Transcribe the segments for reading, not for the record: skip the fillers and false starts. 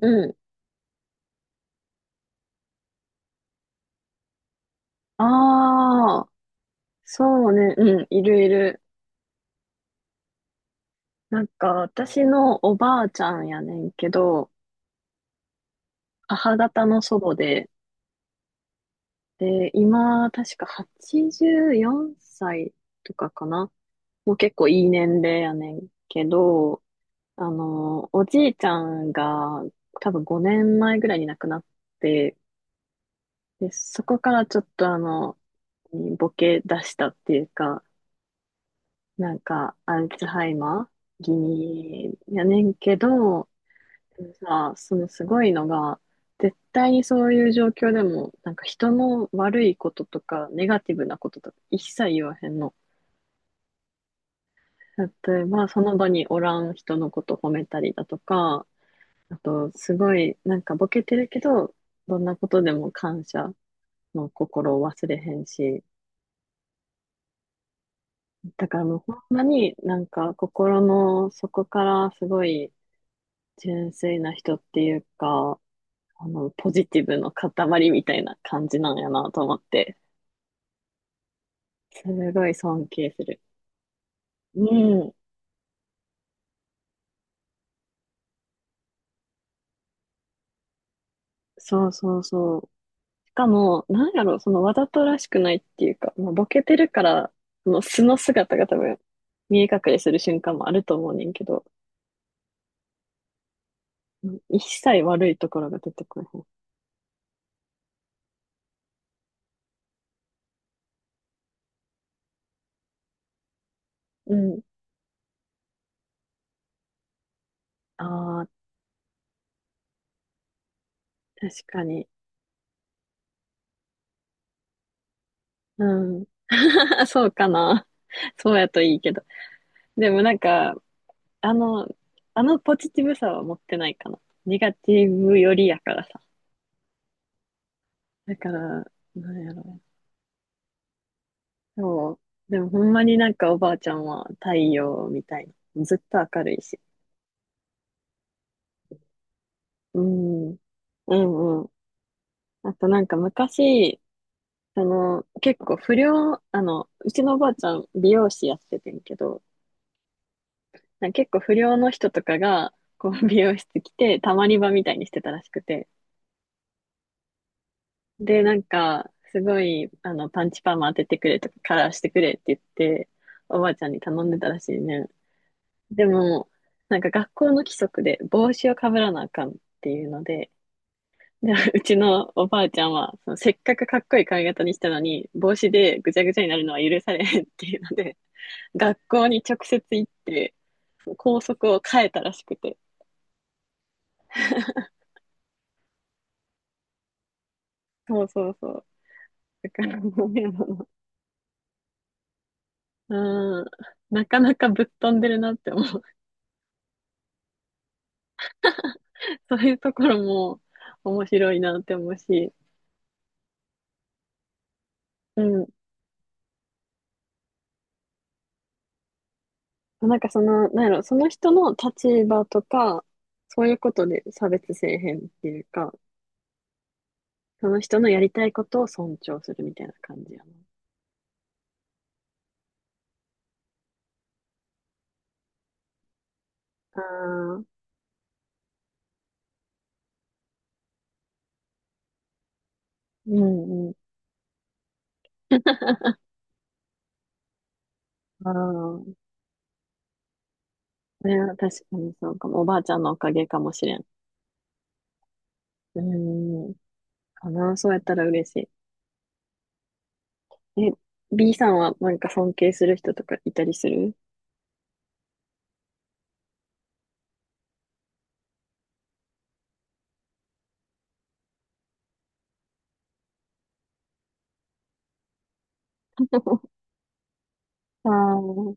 うん。ああ、そうね。うん、いるいる。なんか、私のおばあちゃんやねんけど、母方の祖母で、で、今、確か84歳とかかな。もう結構いい年齢やねんけど、おじいちゃんが多分5年前ぐらいに亡くなって、で、そこからちょっとボケ出したっていうか、なんか、アルツハイマー気味やねんけど、でもさ、そのすごいのが、絶対にそういう状況でも、なんか人の悪いこととか、ネガティブなこととか、一切言わへんの。例えば、その場におらん人のこと褒めたりだとか、あと、すごい、なんかボケてるけど、どんなことでも感謝の心を忘れへんし、だからもうほんまになんか心の底からすごい、純粋な人っていうか、ポジティブの塊みたいな感じなんやなと思って、すごい尊敬する。うん、そうそうそう。しかも、なんやろ、そのわざとらしくないっていうか、まあ、ボケてるから、その素の姿が多分、見え隠れする瞬間もあると思うねんけど、うん一切悪いところが出てこない。うん。ああ、確かに。うん。そうかな。そうやといいけど。でもなんか、あの、あのポジティブさは持ってないかな。ネガティブよりやからさ。だから、なんやろ。そう。でもほんまになんかおばあちゃんは太陽みたいな。ずっと明るいし。うん。うんうん。あとなんか昔、その、結構不良、うちのおばあちゃん美容師やっててんけど、なんか結構不良の人とかが、こう美容室来て、たまり場みたいにしてたらしくて。で、なんか、すごい、パンチパーマ当ててくれとか、カラーしてくれって言って、おばあちゃんに頼んでたらしいね。でも、なんか学校の規則で帽子をかぶらなあかんっていうので、で、うちのおばあちゃんは、そのせっかくかっこいい髪型にしたのに、帽子でぐちゃぐちゃになるのは許されへんっていうので、学校に直接行って、校則を変えたらしくて。そうそうそう。だから、もう、あのうん、なかなかぶっ飛んでるなって思う。そういうところも面白いなって思うし、うん。なんかその、なんやろ、その人の立場とか、そういうことで差別せえへんっていうか、その人のやりたいことを尊重するみたいな感じやな。ああ、うんうん。ああ、それは確かにそうかも。おばあちゃんのおかげかもしれん。うん。かな、そうやったら嬉しい。え、B さんはなんか尊敬する人とかいたりする？ ああ、あ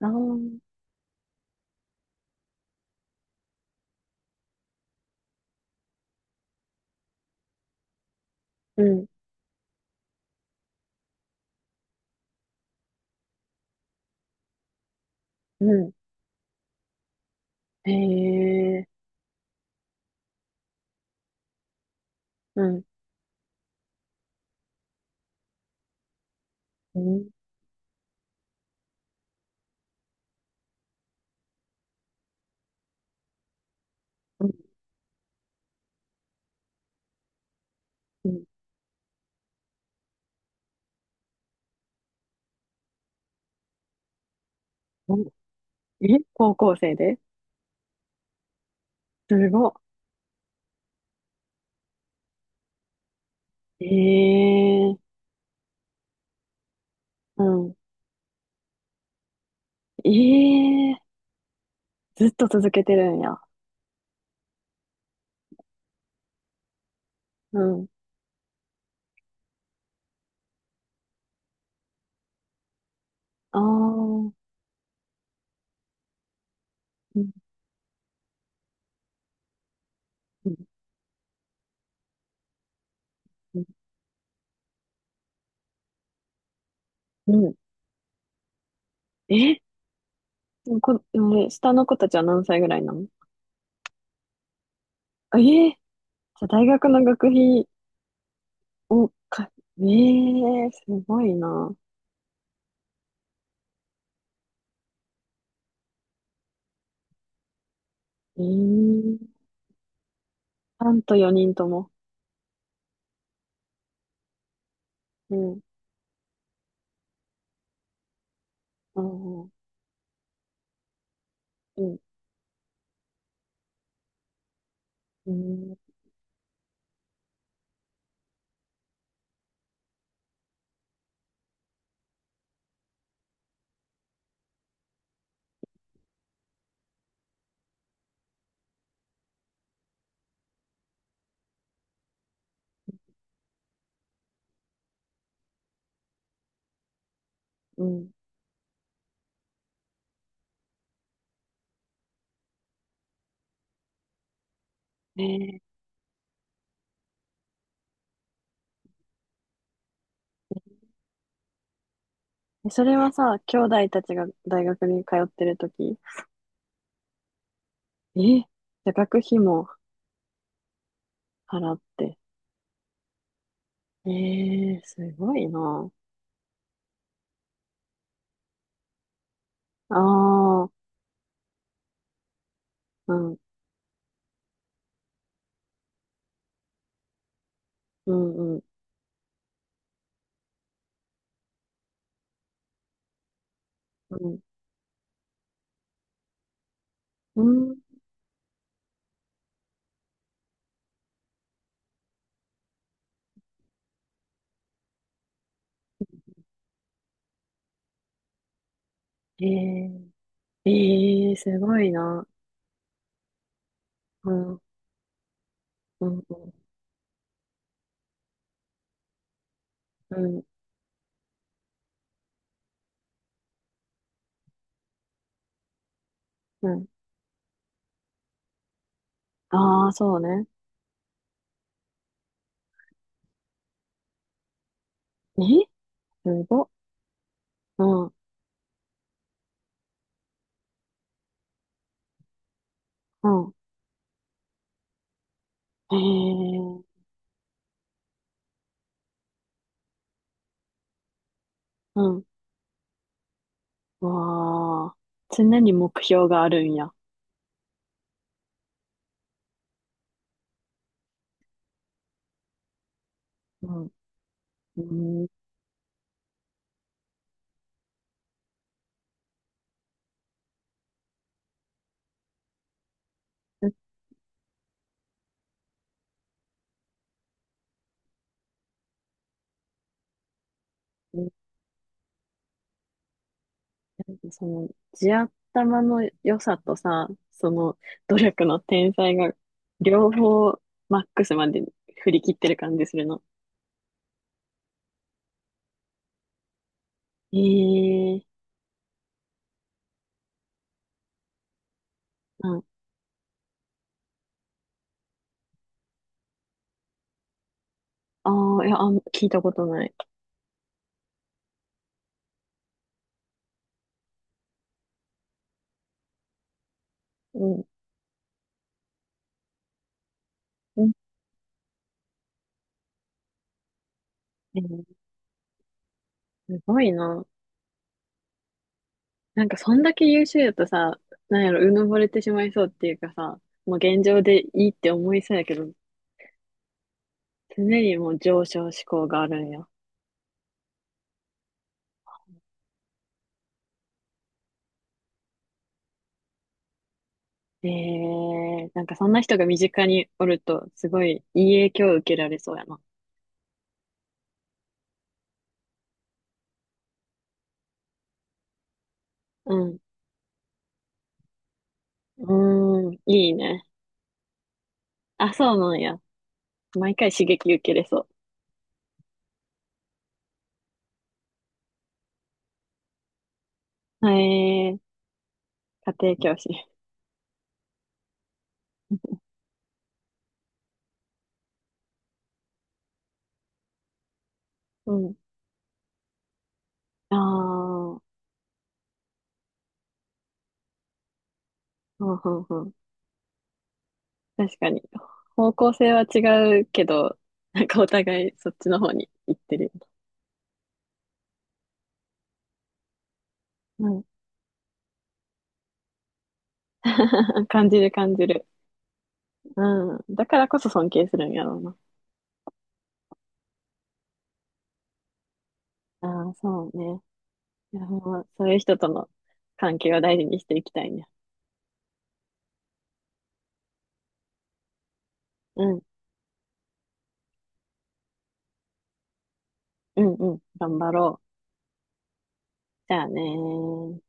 あ、うん、うん。へえ、うん、うん、うん、うん。うんえ、高校生ですごい。ええ、うん。ええ、ずっと続けてるんや。うん。ああ、うん、うん、うん。うんえ、こ、ね下の子たちは何歳ぐらいなの？あええ、じゃあ大学の学費をか、ええ、すごいな。ええ、さんと4人とも。うん、うん、うん、うん、うん。うんえええそれはさ、兄弟たちが大学に通ってるとき、え、じゃあ学費も払って。ええすごいな。ああ、うん、うん、うん、うん、うん。ええええすごいな。うん、うん、うん、うん、うん。ああ、そうね。え、すご。うん、うん。ええうん。わあ、常に目標があるんや。うん、うん、うん、なんかその、地頭の良さとさ、その、努力の天才が、両方、マックスまで振り切ってる感じするの。ええあ、ああ、いや、あん、聞いたことない。うん。うんえーすごいな。なんか、そんだけ優秀だとさ、なんやろ、うぬぼれてしまいそうっていうかさ、もう現状でいいって思いそうやけど、常にもう上昇志向があるんや。ええなんかそんな人が身近におると、すごいいい影響を受けられそうやな。うん。うーん。いいね。あ、そうなんや。毎回刺激受けれそう。へえ、家庭教師。うん。ああ、うん、うん、うん。確かに。方向性は違うけど、なんかお互いそっちの方に行ってるよね。うん。感じる感じる。うん。だからこそ尊敬するんやろうな。ああ、そうね。いや、ほんまそういう人との関係を大事にしていきたいね。うん、うん、うん。頑張ろう。じゃあねー。